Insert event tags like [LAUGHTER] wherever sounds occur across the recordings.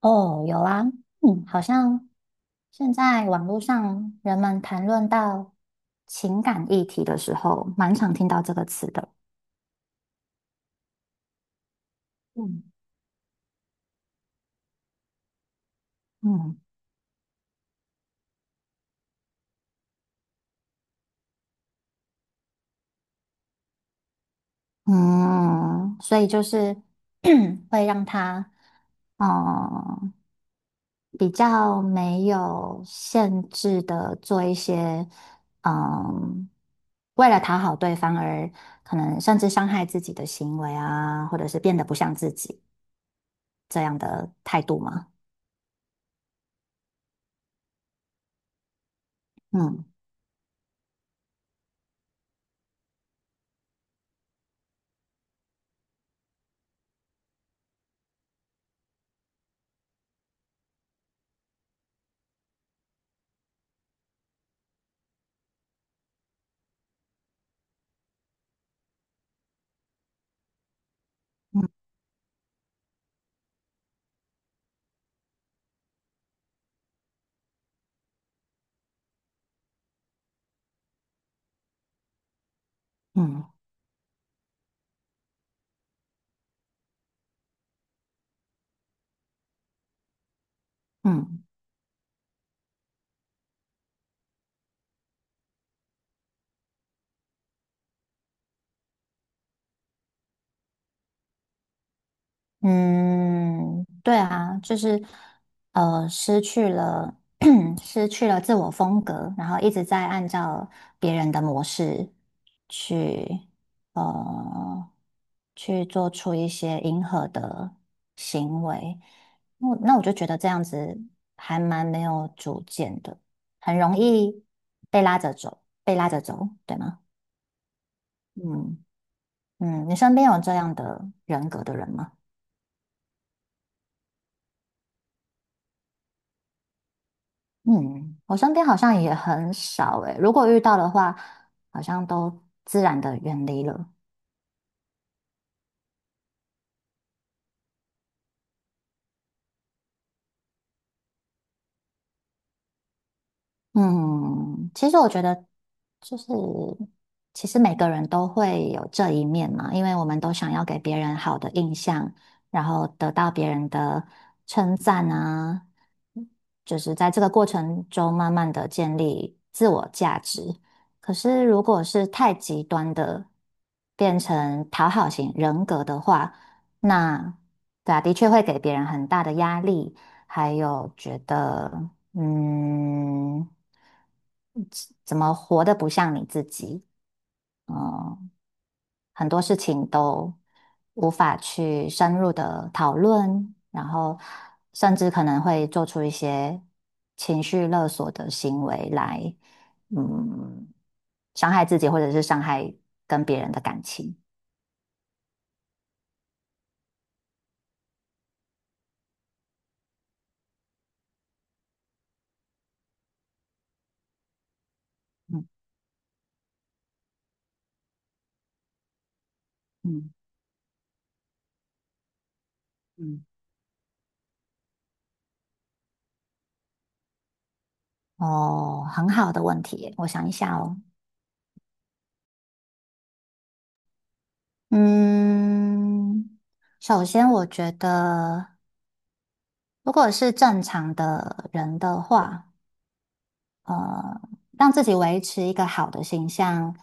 哦，有啊。好像现在网络上人们谈论到情感议题的时候，蛮常听到这个词的。嗯，嗯嗯，所以就是 [CLEARS THROAT] 会让他嗯比较没有限制的做一些，嗯，为了讨好对方而可能甚至伤害自己的行为啊，或者是变得不像自己态度嘛。嗯嗯嗯。嗯，对啊，就是失去了 [CLEARS THROAT] 失去了自我风格，然后一直在按照别人的模式去呃去做出一些迎合的行为，那我就觉得这样子还蛮没有主见的，很容易被拉着走，被拉着走，对吗？嗯。嗯，你身边有这样的人格的人吗？嗯，我身边好像也很少诶，如果遇到的话，好像都自然的远离了。嗯，其实我觉得就是，其实每个人都会有这一面嘛，因为我们都想要给别人好的印象，然后得到别人的称赞啊，就是在这个过程中慢慢的建立自我价值。可是如果是太极端的，变成讨好型人格的话，那，对啊，的确会给别人很大的压力。还有觉得，嗯，怎么活得不像你自己，很多事情都无法去深入的讨论，然后甚至可能会做出一些情绪勒索的行为来，嗯，伤害自己或者是伤害跟别人的感情。嗯嗯。嗯。哦，很好的问题耶，我想一下哦。嗯，首先我觉得，如果是正常的人的话，呃，让自己维持一个好的形象，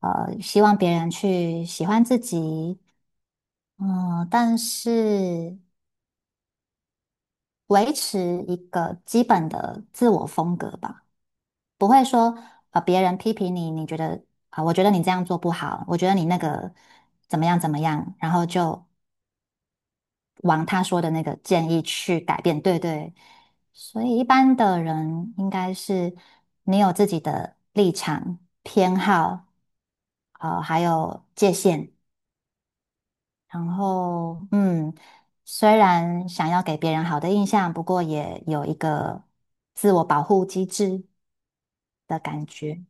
希望别人去喜欢自己，嗯、但是维持一个基本的自我风格吧，不会说，别人批评你，你觉得啊、我觉得你这样做不好，我觉得你那个怎么样怎么样，然后就往他说的那个建议去改变。对对，所以一般的人应该是你有自己的立场、偏好，还有界限。然后，嗯，虽然想要给别人好的印象，不过也有一个自我保护机制的感觉。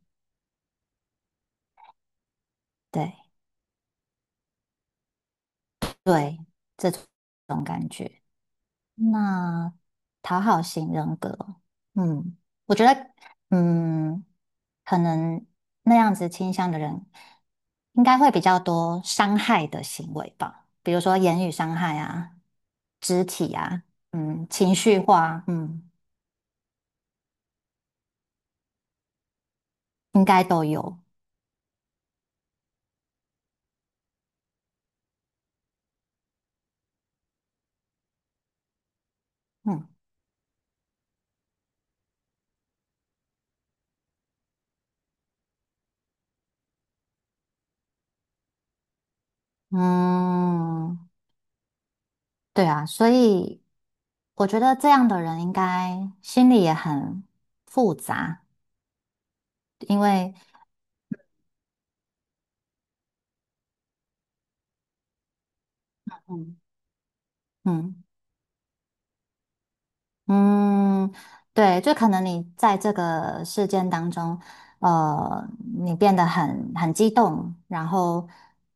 对对，这种感觉。那讨好型人格，嗯，我觉得，嗯，可能那样子倾向的人，应该会比较多伤害的行为吧，比如说言语伤害啊、肢体啊，嗯，情绪化。嗯，应该都有。嗯嗯，对啊，所以我觉得这样的人应该心里也很复杂，因为，嗯。嗯，对，就可能你在这个事件当中，呃，你变得很激动，然后，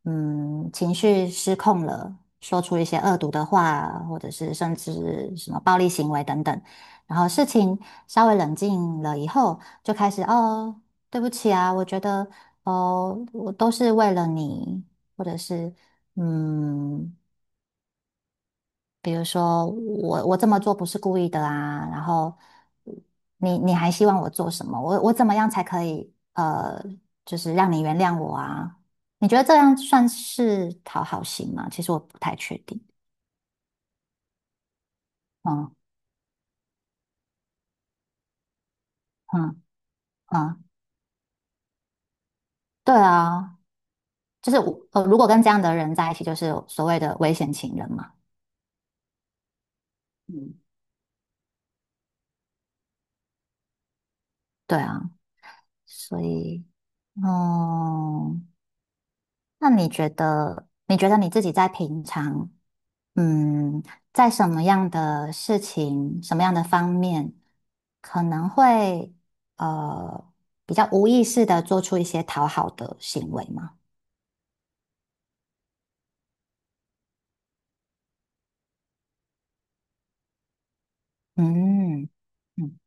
嗯，情绪失控了，说出一些恶毒的话，或者是甚至什么暴力行为等等，然后事情稍微冷静了以后，就开始哦，对不起啊，我觉得哦，我都是为了你，或者是。嗯，比如说我这么做不是故意的啊，然后你还希望我做什么？我怎么样才可以，就是让你原谅我啊？你觉得这样算是讨好型吗？其实我不太确定。嗯嗯嗯。对啊，就是我，如果跟这样的人在一起，就是所谓的危险情人嘛。嗯，对啊，所以，嗯，那你觉得你自己在平常？嗯，在什么样的事情、什么样的方面，可能会呃比较无意识的做出一些讨好的行为嘛？嗯嗯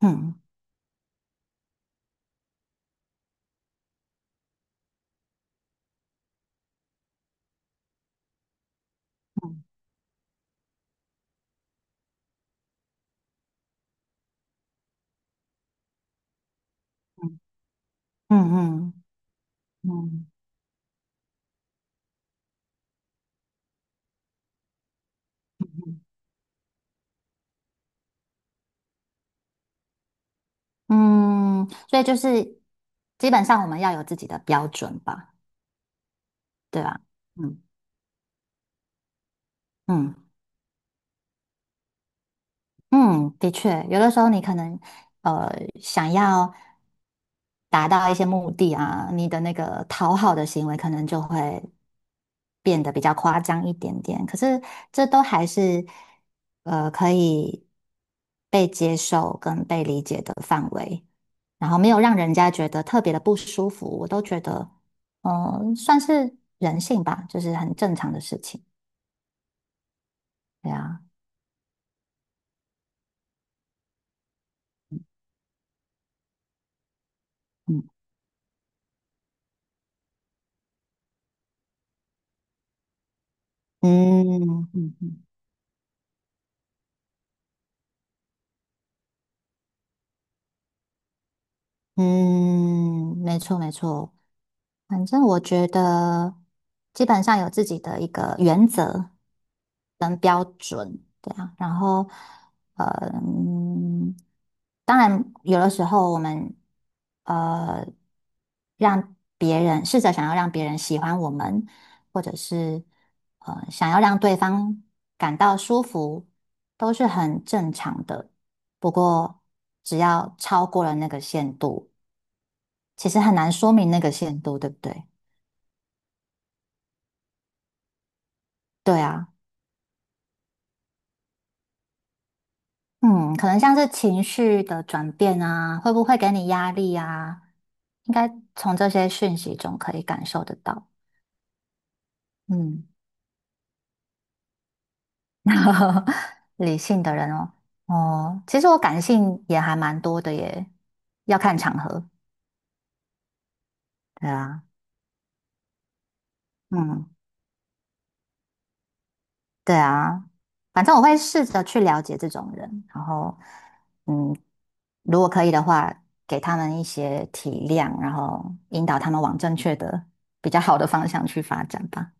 嗯嗯嗯嗯嗯嗯，嗯，所以就是基本上我们要有自己的标准吧，对吧？嗯嗯。嗯，的确，有的时候你可能呃想要达到一些目的啊，你的那个讨好的行为可能就会变得比较夸张一点点。可是这都还是可以被接受跟被理解的范围，然后没有让人家觉得特别的不舒服，我都觉得嗯、算是人性吧，就是很正常的事情。对啊。嗯嗯嗯。嗯嗯，没错没错，反正我觉得基本上有自己的一个原则，对啊，然后，呃，嗯，当然有的时候我们呃让别人试着想要让别人喜欢我们，或者是想要让对方感到舒服，都是很正常的。不过只要超过了那个限度。其实很难说明那个限度，对不对？对啊，嗯，可能像是情绪的转变啊，会不会给你压力啊？应该从这些讯息中可以感受得到。嗯，[LAUGHS] 理性的人哦。哦，其实我感性也还蛮多的耶，要看场合。对啊。嗯，对啊，反正我会试着去了解这种人，然后，嗯，如果可以的话，给他们一些体谅，然后引导他们往正确的、比较好的方向去发展吧。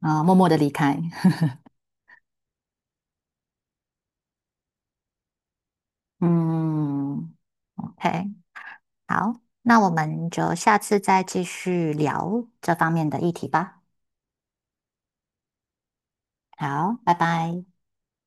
啊、默默的离开。[LAUGHS] 嗯，OK,好，那我们就下次再继续聊这方面的议题吧。好，拜拜。